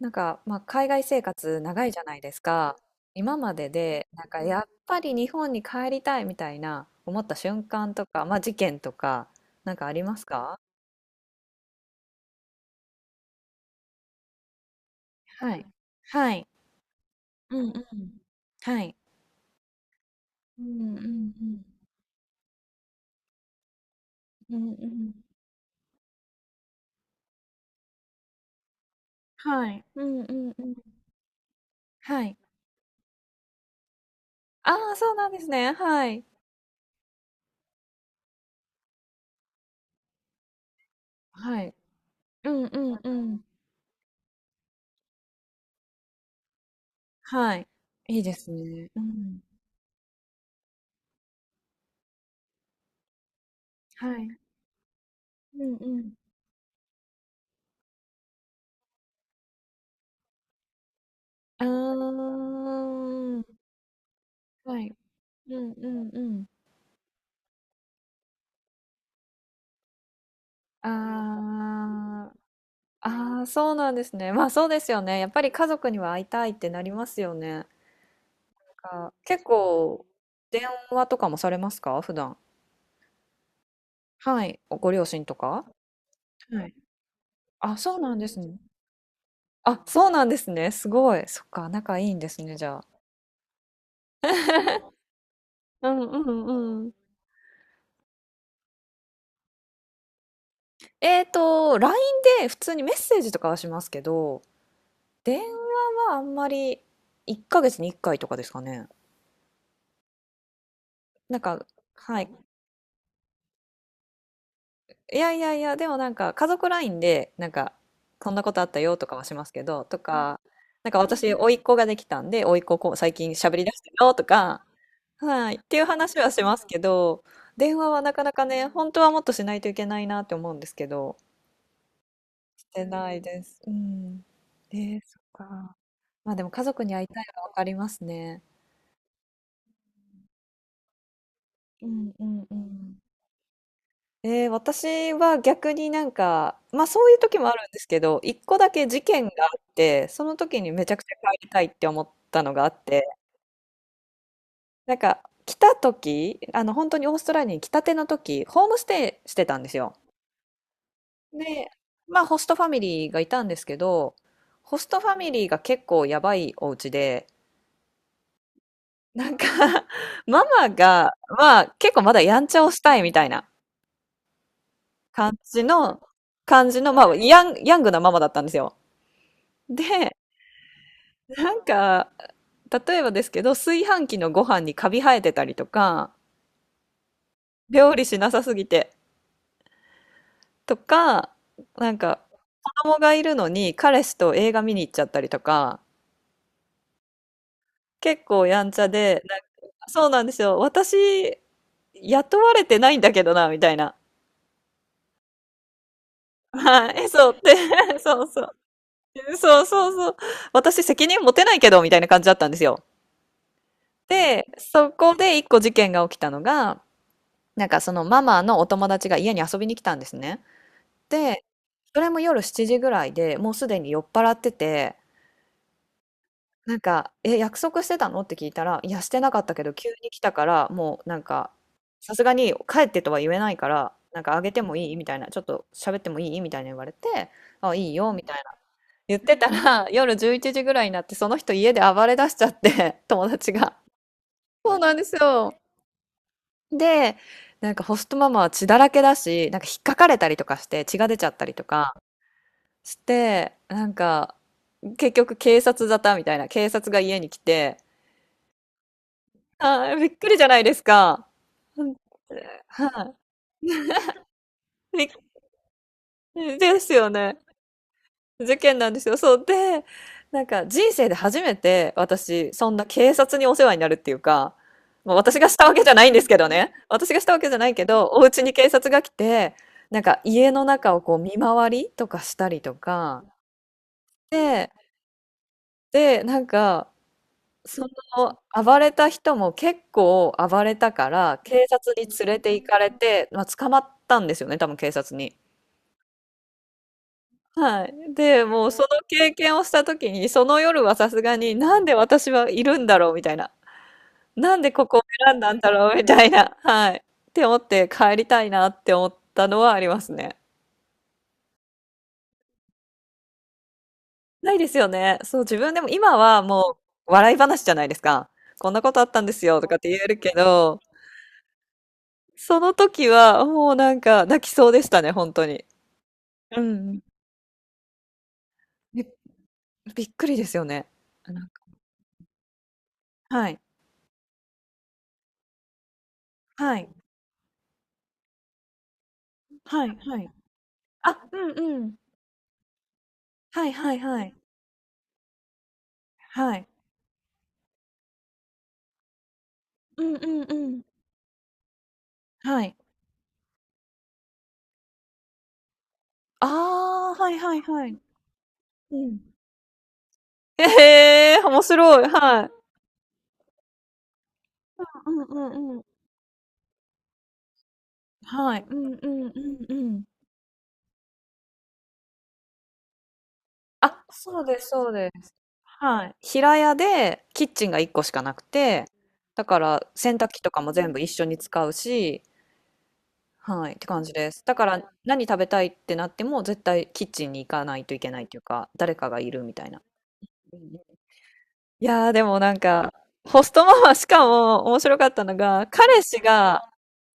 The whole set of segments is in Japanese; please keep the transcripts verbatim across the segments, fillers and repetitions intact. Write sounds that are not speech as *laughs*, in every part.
なんか、まあ、海外生活長いじゃないですか。今までで、なんかやっぱり日本に帰りたいみたいな思った瞬間とか、まあ、事件とか、なんかありますか？はい。はい。うんうん。はい。うんうんうん。うんうん。はい。うんうんうん。はい。ああ、そうなんですね。はい。はい。うんうんうん。はい。いいですね。うん。はい。うんうん。あーん。はい。うんうんうん。あーあー、そうなんですね。まあそうですよね。やっぱり家族には会いたいってなりますよね。か結構、電話とかもされますか普段？はい。おご両親とか。はい。あ、そうなんですね。あ、そうなんですね。すごい。そっか、仲いいんですね、じゃあ。*laughs* うんうんうん。えっと、ライン で普通にメッセージとかはしますけど、電話はあんまりいっかげつにいっかいとかですかね。なんか、はい。いやいやいや、でもなんか家族ラインで、なんか、こんなことあったよとかはしますけど、とうんか、なんか私、甥っ子ができたんで、甥っ子こう最近喋り出したよとか、はい、っていう話はしますけど、電話はなかなかね、本当はもっとしないといけないなって思うんですけど、してないです。うん。えー、そっか。まあでも家族に会いたいはわかりますね。うんうんうん。えー、私は逆になんか、まあそういう時もあるんですけど、一個だけ事件があって、その時にめちゃくちゃ帰りたいって思ったのがあって、なんか来た時、あの本当にオーストラリアに来たての時、ホームステイしてたんですよ。で、まあホストファミリーがいたんですけど、ホストファミリーが結構やばいお家で、なんか *laughs* ママが、まあ結構まだやんちゃをしたいみたいな感じの、感じの、まあヤン、ヤングなママだったんですよ。で、なんか、例えばですけど、炊飯器のご飯にカビ生えてたりとか、料理しなさすぎてとか、なんか、子供がいるのに彼氏と映画見に行っちゃったりとか、結構やんちゃで、なんかそうなんですよ。私、雇われてないんだけどな、みたいな。はい、え、そうって、*laughs* そうそう。そうそうそう。私責任持てないけど、みたいな感じだったんですよ。で、そこで一個事件が起きたのが、なんかそのママのお友達が家に遊びに来たんですね。で、それも夜しちじぐらいで、もうすでに酔っ払ってて、なんか「え、約束してたの？」って聞いたら「いや、してなかったけど急に来たから、もうなんか、さすがに帰ってとは言えないから、なんかあげてもいい？」みたいな「ちょっと喋ってもいい？」みたいな言われて「あ、いいよ」みたいな言ってたら、*laughs* 夜じゅういちじぐらいになってその人家で暴れ出しちゃって、*laughs* 友達が。そうなんですよ。で、なんかホストママは血だらけだし、なんか引っかかれたりとかして血が出ちゃったりとかして、なんか、結局警察沙汰みたいな、警察が家に来て、あー、びっくりじゃないですか。うん、はい。びっですよね。事件なんですよ。そう。で、なんか人生で初めて私、そんな警察にお世話になるっていうか、まあ、私がしたわけじゃないんですけどね。私がしたわけじゃないけど、お家に警察が来て、なんか家の中をこう見回りとかしたりとか、で、で、なんかその暴れた人も結構暴れたから、警察に連れて行かれて、まあ、捕まったんですよね、多分警察に。はい。で、もうその経験をした時に、その夜はさすがに、なんで私はいるんだろうみたいな。なんでここを選んだんだろうみたいな。はい。って思って帰りたいなって思ったのはありますね。ないですよね。そう、自分でも今はもう笑い話じゃないですか。こんなことあったんですよとかって言えるけど、その時は、もうなんか泣きそうでしたね、本当に。うん、びびっくりですよね。なんか、はい。はい。はい、はい。あ、うんうん。はいはいはい。はい。うんうんうん。はい。ああ、はいはいはい。うん。ええー、面白い。はい。うんうんうん。はい。うんうんうんうん。あ、そうですそうです。はい。平屋でキッチンが一個しかなくて、だから洗濯機とかも全部一緒に使うし、はい、って感じです。だから何食べたいってなっても絶対キッチンに行かないといけないというか、誰かがいるみたいな。うんうん。いやー、でもなんか、ホストママしかも面白かったのが、彼氏が、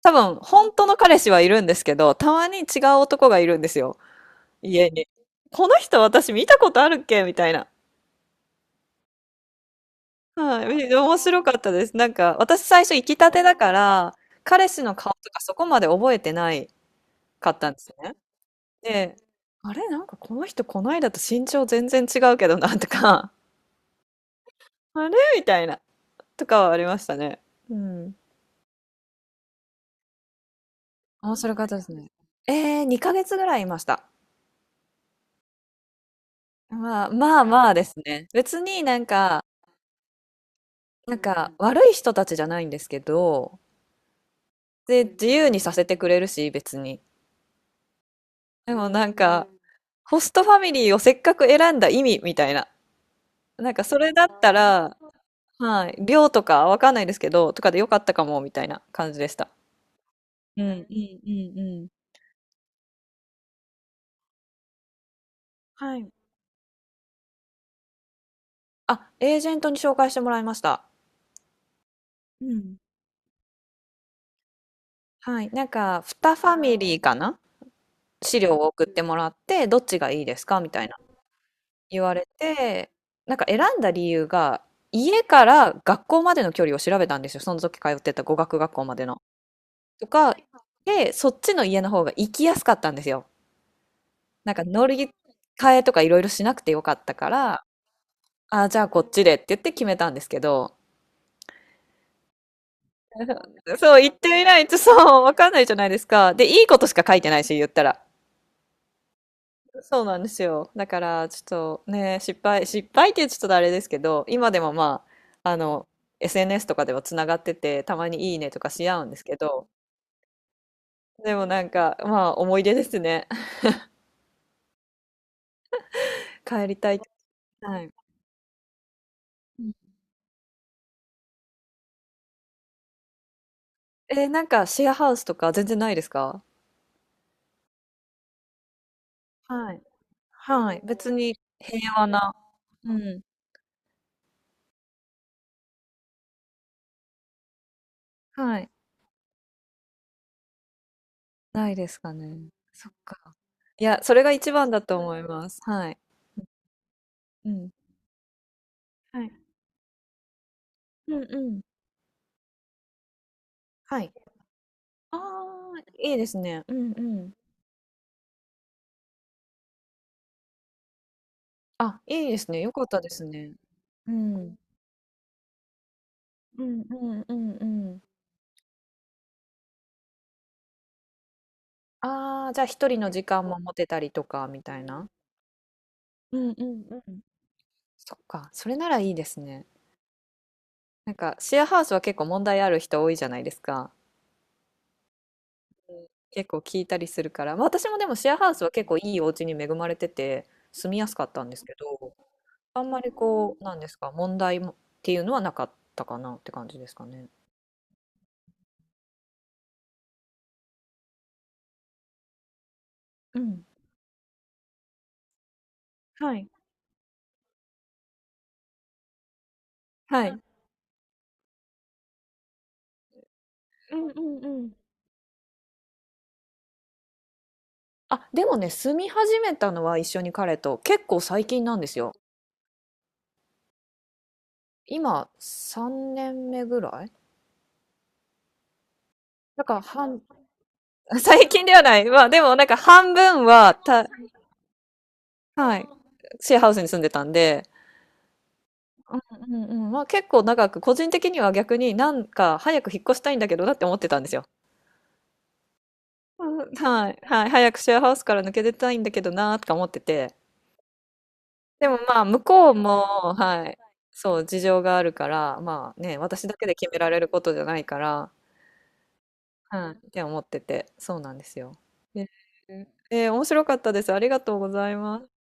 多分本当の彼氏はいるんですけど、たまに違う男がいるんですよ、家に。この人私見たことあるっけみたいな。はい、み面白かったです。なんか、私最初行きたてだから、彼氏の顔とかそこまで覚えてないかったんですね。で、あれなんかこの人こないだと身長全然違うけどなとか、*laughs* あれみたいな、とかはありましたね。うん。面白かったですね。えー、にかげつぐらいいました。まあ、まあまあですね。別になんか、なんか悪い人たちじゃないんですけど、で、自由にさせてくれるし、別に。でもなんか、ホストファミリーをせっかく選んだ意味みたいな。なんかそれだったら、はい、寮とかわかんないですけど、とかでよかったかも、みたいな感じでした。うんうんうんうん。はい。あ、エージェントに紹介してもらいました。うん。はい。なんか、にファミリーかな、資料を送ってもらって、どっちがいいですかみたいな言われて、なんか選んだ理由が、家から学校までの距離を調べたんですよ。その時通ってた語学学校までの。とか、で、そっちの家の方が行きやすかったんですよ。なんか乗り換えとかいろいろしなくてよかったから、あ、じゃあこっちでって言って決めたんですけど、そう、言ってみないと、そう、わかんないじゃないですか。で、いいことしか書いてないし、言ったら。そうなんですよ。だから、ちょっとね、失敗、失敗ってちょっとあれですけど、今でもまあ、あの、エスエヌエス とかではつながってて、たまにいいねとかし合うんですけど、でもなんか、まあ、思い出ですね。*laughs* 帰りたい。はい。えーなんか、シェアハウスとか全然ないですか？はい。はい。別に平和な。うん。はい。ないですかね。そっか。いや、それが一番だと思います。はい。うん。はい。うんうん。はい。ああ、いいですね。うんうん。あ、いいですね。よかったですね。うん。うんうんうんうん。ああ、じゃあ一人の時間も持てたりとかみたいな。うんうんうん。そっか。それならいいですね。なんかシェアハウスは結構問題ある人多いじゃないですか。結構聞いたりするから、まあ、私もでもシェアハウスは結構いいお家に恵まれてて住みやすかったんですけど、あんまりこう、なんですか、問題もっていうのはなかったかなって感じですかね。うん。はい。はい。うんうんうん。あ、でもね、住み始めたのは一緒に彼と結構最近なんですよ。今さんねんめぐらいだから半、*laughs* 最近ではない。まあでもなんか半分はた、はい、シェアハウスに住んでたんで、うんうんうん。まあ結構長く、個人的には逆になんか早く引っ越したいんだけどなって思ってたんですよ。うん、はい。はい。早くシェアハウスから抜け出たいんだけどなーとか思ってて。でもまあ向こうも、はい。そう、事情があるから、まあね、私だけで決められることじゃないから、はい。って思ってて。そうなんですよ。ね、えー面白かったです。ありがとうございます。